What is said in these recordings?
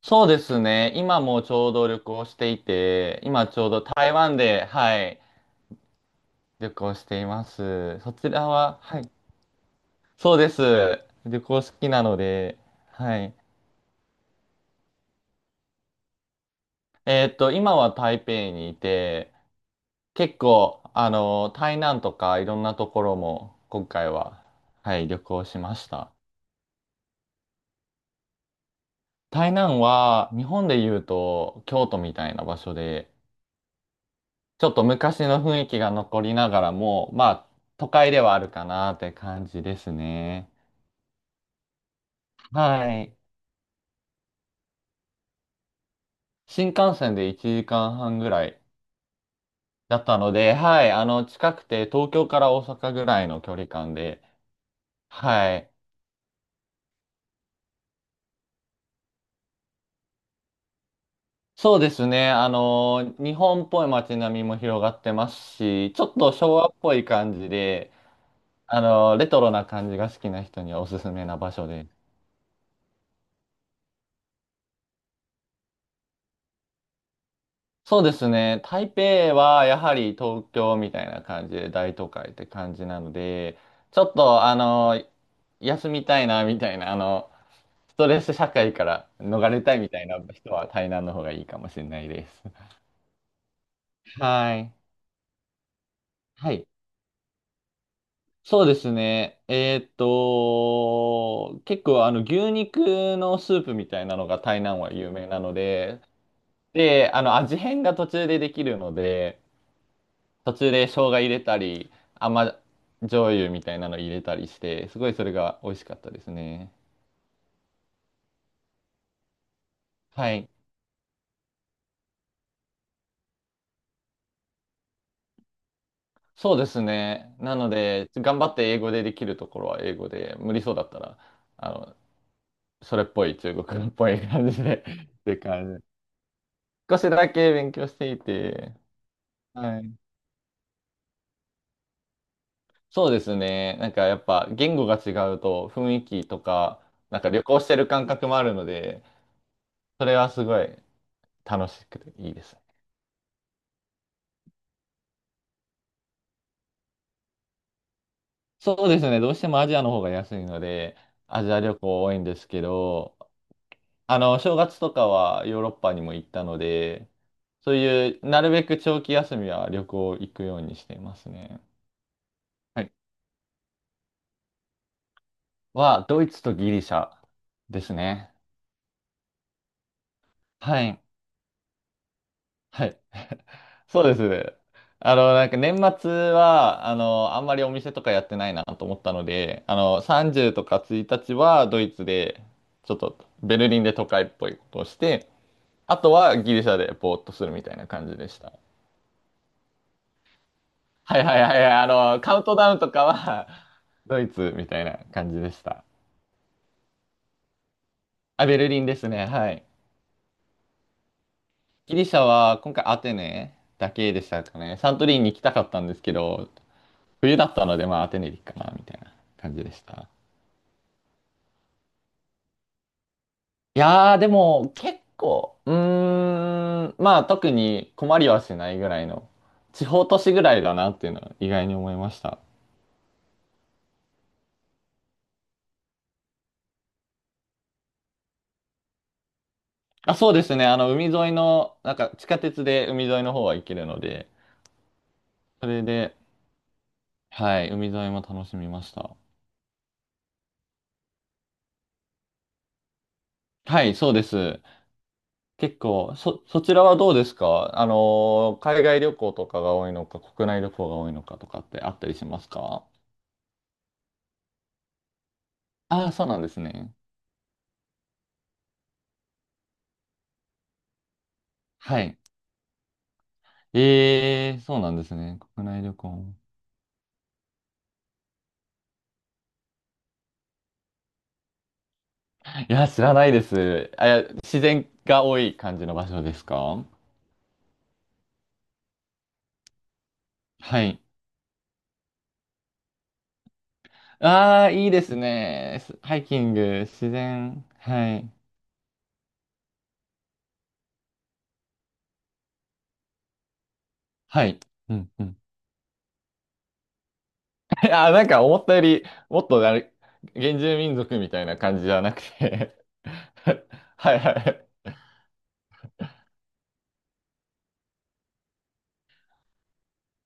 そうですね。今もちょうど旅行していて、今ちょうど台湾で、はい、旅行しています。そちらは、はい、そうです。旅行好きなので、はい。今は台北にいて、結構、台南とかいろんなところも今回は、はい、旅行しました。台南は日本で言うと京都みたいな場所で、ちょっと昔の雰囲気が残りながらも、まあ、都会ではあるかなって感じですね。はい。新幹線で1時間半ぐらいだったので、はい。近くて東京から大阪ぐらいの距離感で、はい。そうですね。日本っぽい街並みも広がってますし、ちょっと昭和っぽい感じで、レトロな感じが好きな人にはおすすめな場所です。そうですね。台北はやはり東京みたいな感じで大都会って感じなので、ちょっと休みたいなみたいな、ストレス社会から逃れたいみたいな人は台南の方がいいかもしれないです。はい。はい。そうですね。結構牛肉のスープみたいなのが台南は有名なので、で、味変が途中でできるので、途中で生姜入れたり、甘醤油みたいなの入れたりして、すごいそれが美味しかったですね。はい。そうですね。なので、頑張って英語でできるところは英語で、無理そうだったら、あの、それっぽい中国っぽい感じで って感じ。少しだけ勉強していて、はい。そうですね。なんかやっぱ言語が違うと雰囲気とか、なんか旅行してる感覚もあるので、それはすごい楽しくていいです。そうですね。どうしてもアジアの方が安いので、アジア旅行多いんですけど、正月とかはヨーロッパにも行ったので、そういう、なるべく長期休みは旅行行くようにしていますね。はい。ドイツとギリシャですね。はい。はい。そうですね。なんか年末は、あんまりお店とかやってないなと思ったので、30とか1日はドイツで、ちょっとベルリンで都会っぽいことをして、あとはギリシャでぼーっとするみたいな感じでした。はいはいはいはい。カウントダウンとかは ドイツみたいな感じでした。あ、ベルリンですね。はい。ギリシャは今回アテネだけでしたかね。サントリーに行きたかったんですけど、冬だったのでまあアテネでいいかなみたいな感じでした。いやーでも結構、まあ特に困りはしないぐらいの、地方都市ぐらいだなっていうのは意外に思いました。あ、そうですね。海沿いの、なんか地下鉄で海沿いの方は行けるので、それで、はい、海沿いも楽しみました。はい、そうです。結構、そちらはどうですか？海外旅行とかが多いのか、国内旅行が多いのかとかってあったりしますか？ああー、そうなんですね。はい。ええー、そうなんですね。国内旅行。いや、知らないです。あ、いや自然が多い感じの場所ですか？はい。ああ、いいですね。ハイキング、自然。はい。はい。うんうん。あー、なんか思ったより、もっとあれ、原住民族みたいな感じじゃなくて はいはい。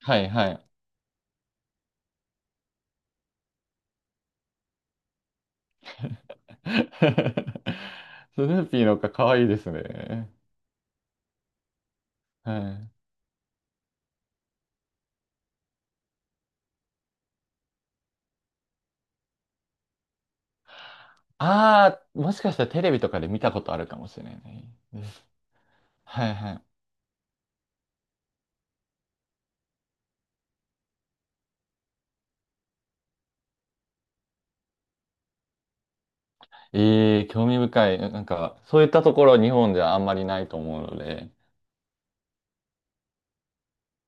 はいはい。スヌーピーのかわいいですね。はい。ああ、もしかしたらテレビとかで見たことあるかもしれないです。はいはい。ええ興味深い。なんか、そういったところ日本じゃあんまりないと思うので。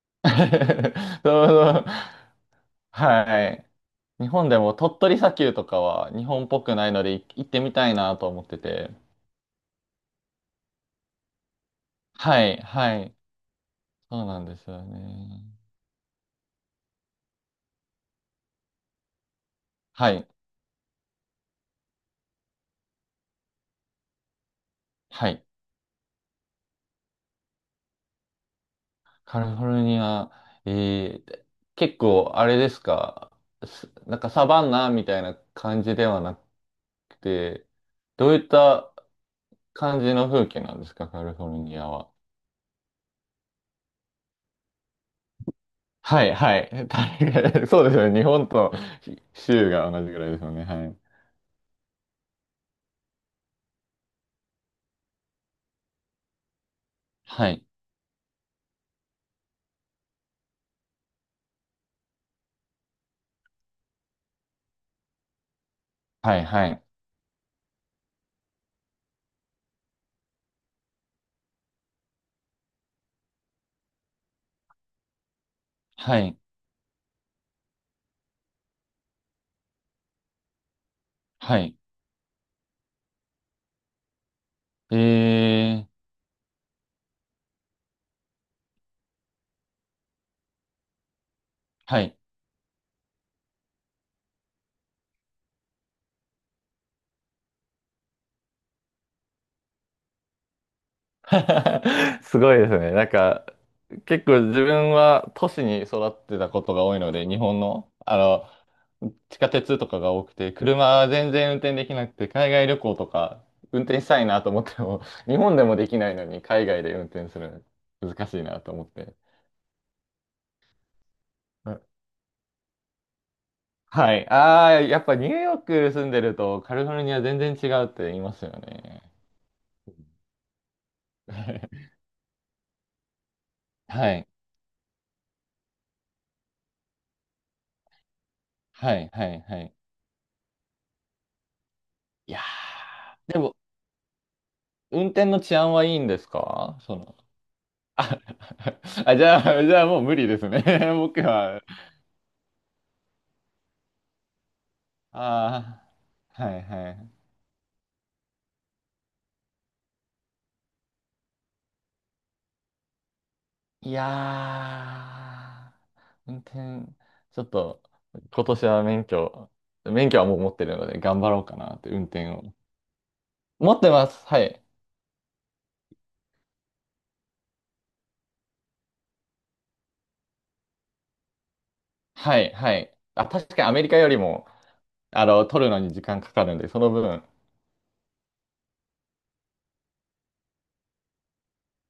そうそう。はい。日本でも鳥取砂丘とかは日本っぽくないので行ってみたいなと思ってて。はい、はい。そうなんですよね。はい、はい。カリフォルニア、えー、結構あれですか？なんかサバンナみたいな感じではなくて、どういった感じの風景なんですか、カリフォルニアは。はい、はい。大概そうですよね。日本と州が同じぐらいですよね。はい。はい。はいはい。はい。はい。えー、はい。すごいですね。なんか、結構自分は都市に育ってたことが多いので、日本の、地下鉄とかが多くて、車は全然運転できなくて、海外旅行とか運転したいなと思っても、日本でもできないのに海外で運転するの難しいなと思って。うん、はい。ああ、やっぱニューヨーク住んでるとカリフォルニア全然違うって言いますよね。はい。はいはいはい。いやー、でも、運転の治安はいいんですか、その。あ、あ、じゃあ、じゃあもう無理ですね。僕は。ああ、はいはい。いやー、運転、ちょっと、今年は免許はもう持ってるので、頑張ろうかなって、運転を。持ってます。はい。はいはい。あ、確かにアメリカよりも、取るのに時間かかるんで、その分、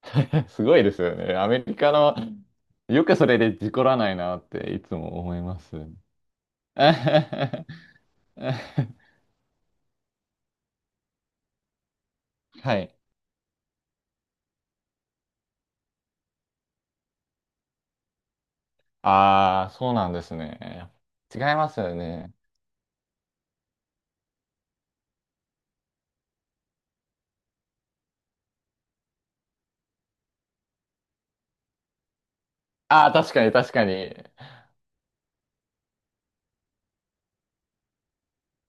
すごいですよね。アメリカの、よくそれで事故らないなっていつも思います。はい。ああ、そうなんですね。違いますよね。ああ、確かに確かに。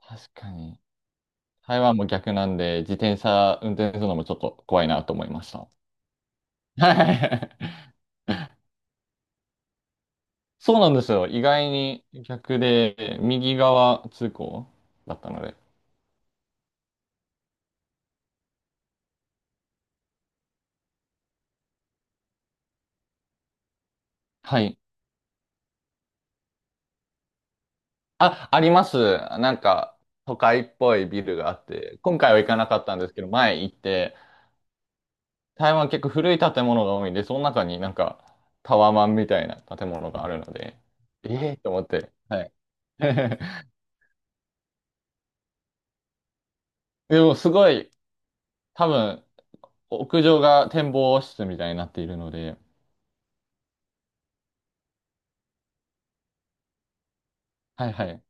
確かに。台湾も逆なんで、自転車運転するのもちょっと怖いなと思いました。はい、そうなんですよ。意外に逆で、右側通行だったので。はい。あ、あります。なんか、都会っぽいビルがあって、今回は行かなかったんですけど、前行って、台湾結構古い建物が多いんで、その中になんか、タワマンみたいな建物があるので、ええと思って、はい。でも、すごい、多分、屋上が展望室みたいになっているので、はいはい。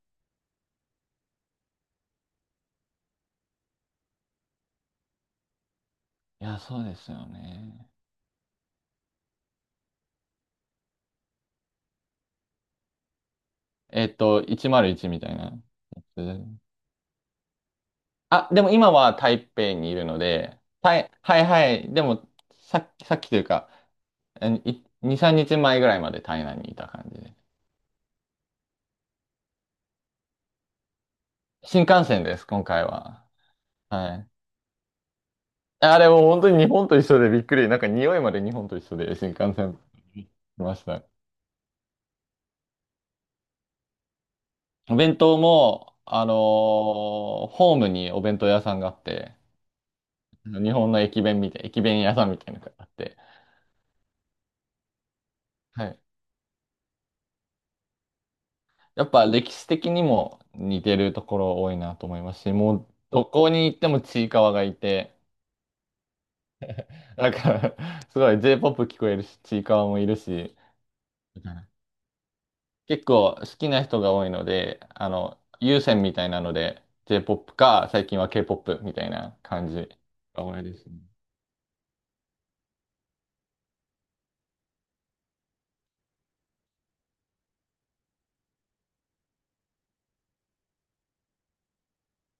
いや、そうですよね。101みたいなやつ。あ、でも今は台北にいるので、はいはいはい。でも、さっきというか、2、3日前ぐらいまで台南にいた感じで。新幹線です、今回は。はい。あれも本当に日本と一緒でびっくり。なんか匂いまで日本と一緒で新幹線来ました。お弁当も、ホームにお弁当屋さんがあって、日本の駅弁屋さんみたいなのがあって、はい。やっぱ歴史的にも似てるところ多いなと思いますし、もうどこに行ってもちいかわがいて、だから すごい J-POP 聞こえるし、ちいかわもいるし、結構好きな人が多いので、有線みたいなので J-POP か、最近は K-POP みたいな感じが多いですね。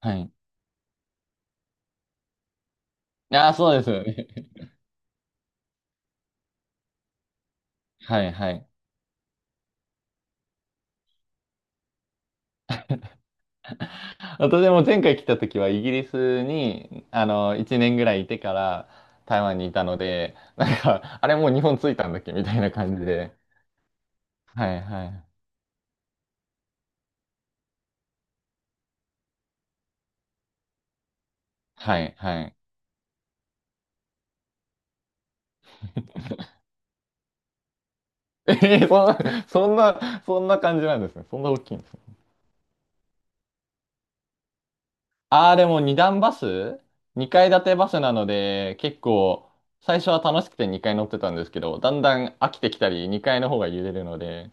はい。ああ、そうですよね。はいはい。私も前回来た時はイギリスに、1年ぐらいいてから台湾にいたので、なんか、あれもう日本着いたんだっけみたいな感じで。はいはい。はいはい。えー、そんな、そんな、そんな感じなんですね。そんな大きいんですね。ああ、でも二階建てバスなので、結構、最初は楽しくて二階乗ってたんですけど、だんだん飽きてきたり、二階の方が揺れるので、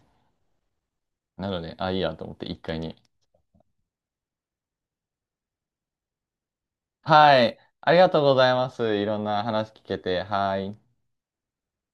なので、あ、いいやと思って一階に。はい。ありがとうございます。いろんな話聞けて。はい。